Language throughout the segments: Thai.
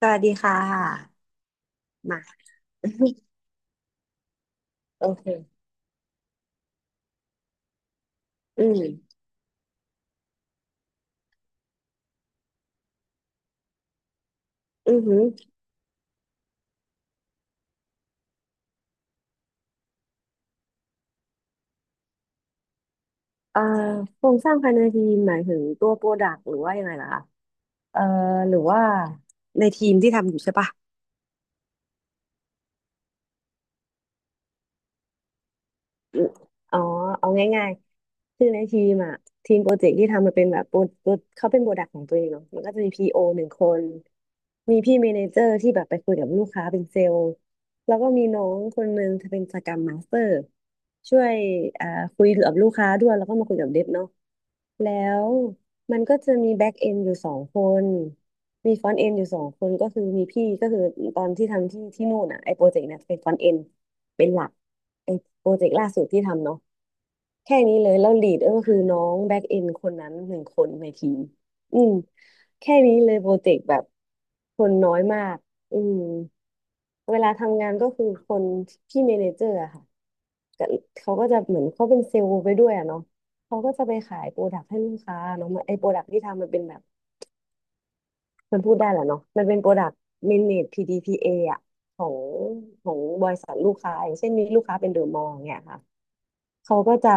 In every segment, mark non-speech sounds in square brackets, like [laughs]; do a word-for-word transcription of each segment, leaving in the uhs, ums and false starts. สวัสดีค่ะมา [laughs] โอเคอืมอือหือเอ่อโครงสร้างภายในทีมหมายถึงตัวโปรดักต์หรือว่ายังไงล่ะคะเอ่อหรือว่าในทีมที่ทำอยู่ใช่ปะ อมอ๋อเอาง่ายๆคือในทีมอะทีมโปรเจกต์ที่ทำมันเป็นแบบโปรโปรเขาเป็นโปรดักต์ของตัวเองเนาะมันก็จะมีพีโอหนึ่งคนมีพี่เมเนเจอร์ที่แบบไปคุยกับลูกค้าเป็นเซลล์แล้วก็มีน้องคนนึงเธอเป็นสกร u มมาสเตอร์ช่วยอ่าคุยกับลูกค้าด้วยแล้วก็มาคุยกับเดฟเนาะแล้วมันก็จะมีแบ็กเอนอยู่สองคนมีฟรอนต์เอนอยู่สองคนก็คือมีพี่ก็คือตอนที่ทำที่ที่นู่นอ่ะไอ้โปรเจกต์เนี่ยเป็นฟรอนต์เอนเป็นหลัก ไอ้โปรเจกต์ล่าสุดที่ทำเนาะแค่นี้เลยแล้วลีดก็คือน้องแบ็กเอนคนนั้นหนึ่งคนในทีมอืมแค่นี้เลยโปรเจกต์แบบคนน้อยมากอืมเวลาทำงานก็คือคนพี่เมเนเจอร์อะค่ะก็เขาก็จะเหมือนเขาเป็นเซลล์ไปด้วยอะเนาะเขาก็จะไปขายโปรดักต์ให้ลูกค้าเนาะมันไอ้โปรดักต์ที่ทำมันเป็นแบบมันพูดได้แหละเนาะมันเป็นโปรดักต์เมเนจ พี ดี พี เอ ออะของของบริษัทลูกค้าอย่างเช่นมีลูกค้าเป็นเดอะมอลล์เนี่ยค่ะ เขาก็จะ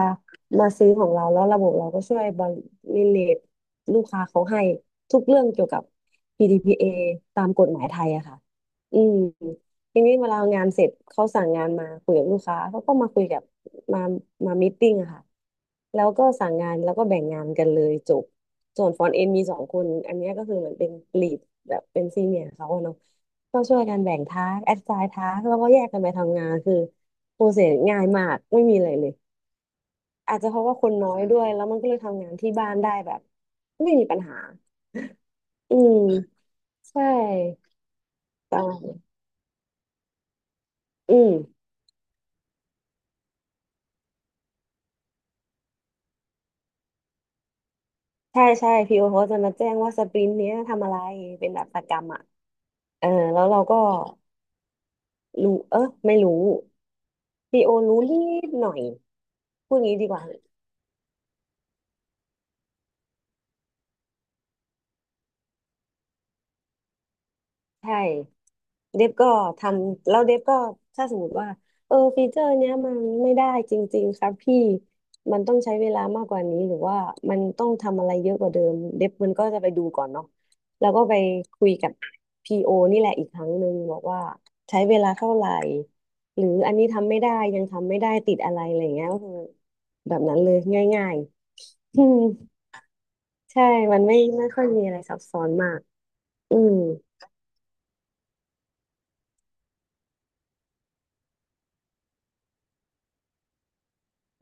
มาซื้อของเราแล้วระบบเราก็ช่วยบริเลตลูกค้าเขาให้ทุกเรื่องเกี่ยวกับ พี ดี พี เอ ตามกฎหมายไทยอะค่ะอืมทีนี้เวลางานเสร็จเขาสั่งงานมาคุยกับลูกค้าเขาก็มาคุยกับมามามีตติ้งอะค่ะแล้วก็สั่งงานแล้วก็แบ่งงานกันเลยจบส่วนฟรอนต์เอ็นมีสองคนอันเนี้ยก็คือเหมือนเป็นลีดแบบเป็นซีเนียร์เขาอะเนาะก็ช่วยกันแบ่งทาสแอสไซน์ทาสแล้วก็แยกกันไปทำงานคือโปรเซสง่ายมากไม่มีอะไรเลย อาจจะเพราะว่าคนน้อยด้วยแล้วมันก็เลยทำงานที่บ้านได้แบบไม่มีปัญหา อืมใช่ประมาณอืมใช่ใช่พีโอเขาจะมาแจ้งว่าสปรินต์เนี้ยทำอะไรเป็นแบบประจำอ่ะ เออแล้วเราก็รู้เออไม่รู้พีโอรู้นิดหน่อยพูดงี้ดีกว่าใช่ เดฟก็ทำแล้วเดฟก็ถ้าสมมติว่าเออฟีเจอร์เนี้ยมันไม่ได้จริงๆครับพี่มันต้องใช้เวลามากกว่านี้หรือว่ามันต้องทำอะไรเยอะกว่าเดิมเดฟมันก็จะไปดูก่อนเนาะแล้วก็ไปคุยกับพีโอนี่แหละอีกครั้งหนึ่งบอกว่าใช้เวลาเท่าไหร่หรืออันนี้ทำไม่ได้ยังทำไม่ได้ติดอะไรอะไรอย่างเงี้ยก็คือแบบนั้นเลยง่ายๆ [laughs] อืมใช่มันไม่ไม่ค่อยมีอะไรซับซ้อนมากอืม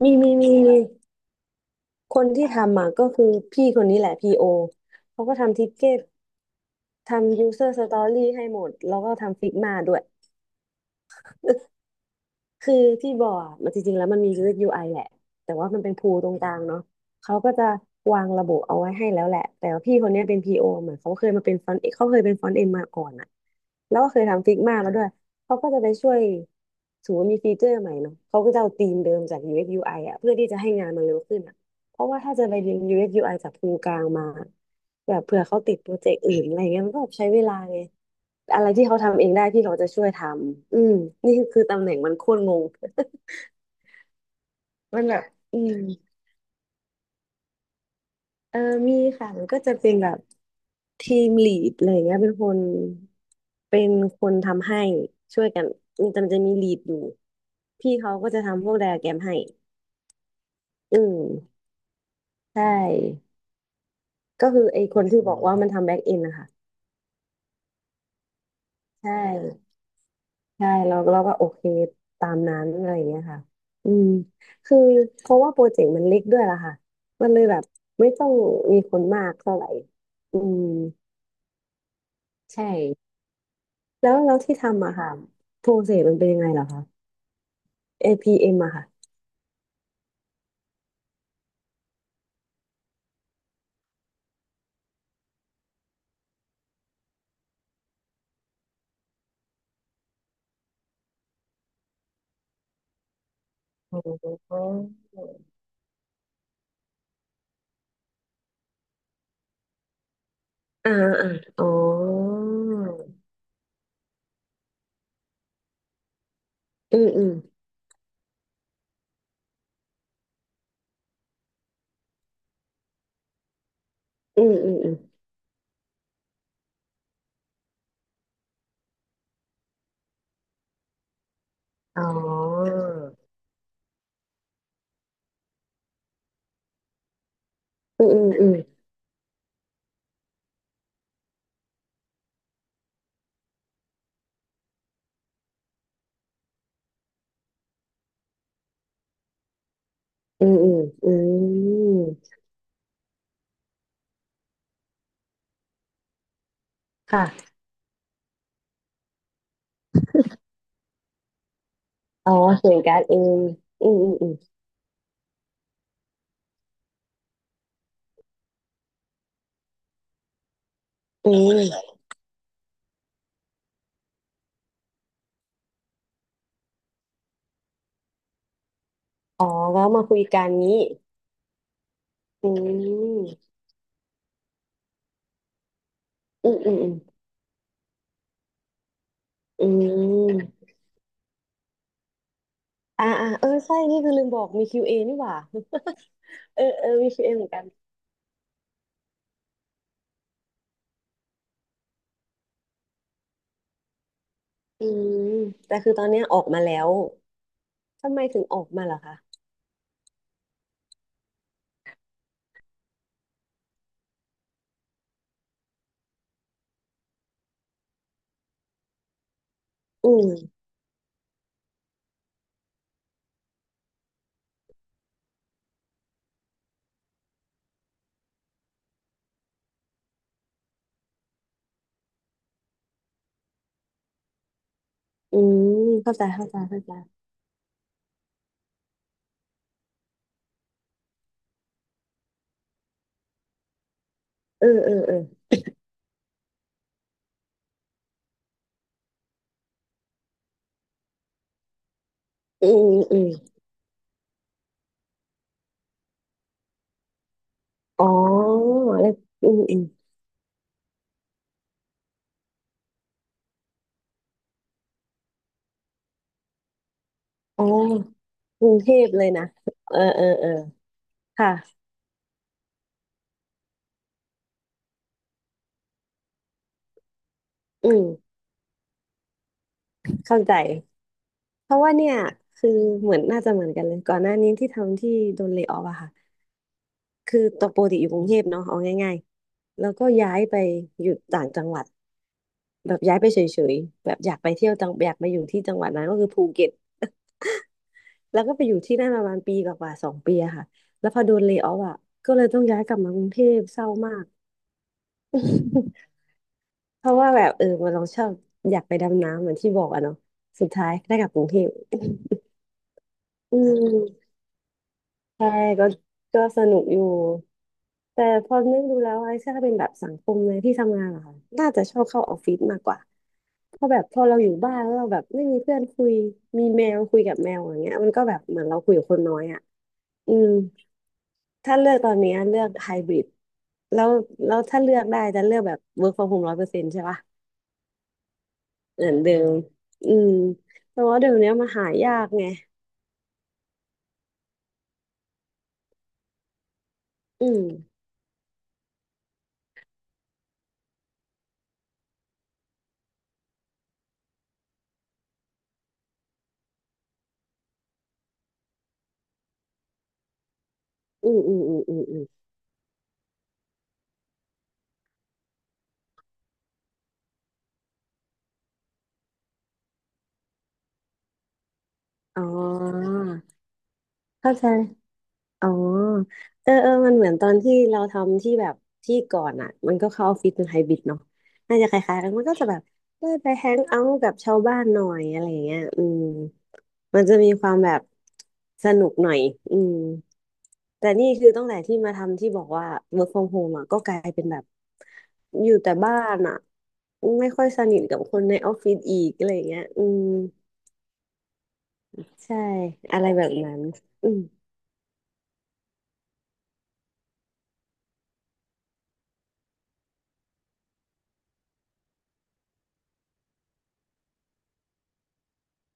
มีมีมีมี คนที่ทำอ่ะก็คือพี่คนนี้แหละพีโอเขาก็ทำทิกเก็ตทำยูเซอร์สตอรี่ให้หมดแล้วก็ทำฟิกมาด้วย คือที่บ่ออะมันจริงๆแล้วมันมียูเลอก ยู ไอ แหละแต่ว่ามันเป็นพูลตรงกลางเนาะเขาก็จะวางระบบเอาไว้ให้แล้วแหละแต่ว่าพี่คนเนี้ยเป็น พี โอ เหมือนเขาเคยมาเป็นฟรอนต์เขาเคยเป็นฟรอนต์เอ็นมาก่อนอะแล้วก็เคยทำฟิกมาแล้วด้วยเขาก็จะไปช่วยสมมติว่ามีฟีเจอร์ใหม่เนาะเขาก็จะเอาธีมเดิมจาก ยู เอ็กซ์ ยู ไอ อกซ์ยูไออะเพื่อที่จะให้งานมันเร็วขึ้นอะเพราะว่าถ้าจะไปเรียน ยู เอ็กซ์ ยู ไอ จากพูลกลางมาแบบเผื่อเขาติดโปรเจกต์อื่นอะไรเงี้ยมันก็แบบใช้เวลาไง อะไรที่เขาทำเองได้พี่เขาจะช่วยทำ อืม นี่คือตำแหน่งมันโคตรงง [laughs] มันแบบ อืมเออมีค่ะมันก็จะเป็นแบบทีมลีดอะไรอย่างเงี้ยเป็นคน เป็นคนทำให้ช่วยกัน มันจะมันจะมีลีดอยู่ พี่เขาก็จะทำพวกไดอะแกรมให้ อืมใช่ ก็คือไอ้คนที่บอกว่ามันทำแบ็กเอนนะคะใช่ ใช่เราเราก็โอเคตามนั้นอะไรอย่างเงี้ยค่ะอืมคือเพราะว่าโปรเจกต์มันเล็กด้วยล่ะค่ะ มันเลยแบบไม่ต้องมีคนมากเท่าไหร่อืมใช่แล้วแล้วที่ทำอะค่ะโปรเซสมันเป็นยังไงเหรอคะ เอ พี เอ็ม อพีเอ็มอะค่ะอ๋ออ่าอ่าอ๋ออืมอืมอืมอืมอืมอ๋ออืมอืมอืมอืมอืมอืมค่ะอ๋อเขียการดเองอืมอืมอืมอืม อ๋อแล้วมาคุยกันนี้อืมอืมอืมอืมอืมอ่าอ่าเออใช่นี่คือลืมบอกมี คิว เอ นี่หว่า [laughs] เออเออมี คิว เอ เอเหมือนกันอืมแต่คือตอนเนี้ยออกมาแล้วทำไมถึงออกมาเหรอคะอืมอืมเข้าใจเข้าใจเข้าใจเออเออเอออืมอืมอืมอ๋อแล้วอืมอืมอ๋อกรุงเทพเลยนะเออเออเออค่ะอืมเข้าใจ เพราะว่าเนี่ยคือเหมือนน่าจะเหมือนกันเลยก่อนหน้านี้ที่ทำที่โดนเลย์ออฟอะค่ะ คือตัวปกติอยู่กรุงเทพเนาะเอาง่ายๆแล้วก็ย้ายไปอยู่ต่างจังหวัดแบบย้ายไปเฉยๆแบบอยากไปเที่ยวจังอยากมาอยู่ที่จังหวัดนั้นก็คือภูเก็ตแล้วก็ไปอยู่ที่นั่นประมาณปีกว่าๆสองปีอะค่ะแล้วพอโดนเล y o อ f อะก็เลยต้องย้ายกลับมากรุงเทพเศร้ามาก [laughs] เพราะว่าแบบเออเราชอบอยากไปดำน้ำเหมือนที่บอกอะเนาะสุดท้ายได้กลับกรุงเทพอืม ใช่ก็ก็สนุกอยู่แต่พอนึกดูแล้วไอ้ถ้าเป็นแบบสังคมในที่ทำงานเหรอคะน่าจะชอบเข้าออฟฟิศมากกว่าเพราะแบบพอเราอยู่บ้านแล้วเราแบบไม่มีเพื่อนคุยมีแมวคุยกับแมวอย่างเงี้ยมันก็แบบเหมือนเราคุยกับคนน้อยอ่ะอืมถ้าเลือกตอนเนี้ยเลือกไฮบริดแล้วแล้วถ้าเลือกได้จะเลือกแบบ work from home ร้อยเปอร์เซ็นต์ใช่ปะเหมือนเดิมอืมแต่ว่าเดี๋ยวเนี้ยมาหายากไงอืมอืมอืมอืมอืมอืมอ๋อเข้าใจ อ๋อเออเออมันเหมือนตอนที่เราทำที่แบบที่ก่อนอ่ะมันก็เข้าออฟฟิศเป็นไฮบริดเนาะน่าจะคล้ายๆกันมันก็จะแบบได้ไปแฮงเอาท์กับชาวบ้านหน่อยอะไรอย่างเงี้ยอืมมันจะมีความแบบสนุกหน่อยอืมแต่นี่คือตั้งแต่ที่มาทำที่บอกว่า work from home อ่ะก็กลายเป็นแบบอยู่แต่บ้านอ่ะไม่ค่อยสนิทกับคนในออฟฟิศอีกอะไรอย่างเงี้ยอืมใช่อะไรแบบนั้นอืม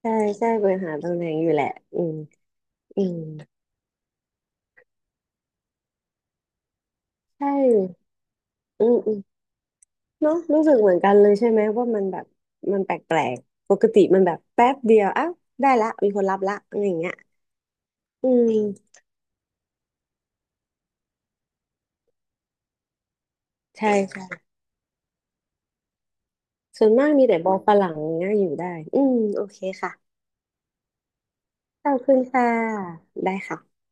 ใช่ใช่บริหารตำแหน่งอยู่แหละอืมอืม ใช่อืมอืมเนอะรู้สึกเหมือนกันเลยใช่ไหมว่ามันแบบมันแปลกๆปกติมันแบบแป๊บเดียวอ้าวได้ละมีคนรับละอะไรอย่างเงี้ยอืมใช่ใช่ส่วนมากมีแต่บอลฝรั่งเงี้ยอยู่ได้ อืมโอเคค่ะขอบคุณค่ะ ได้ค่ะ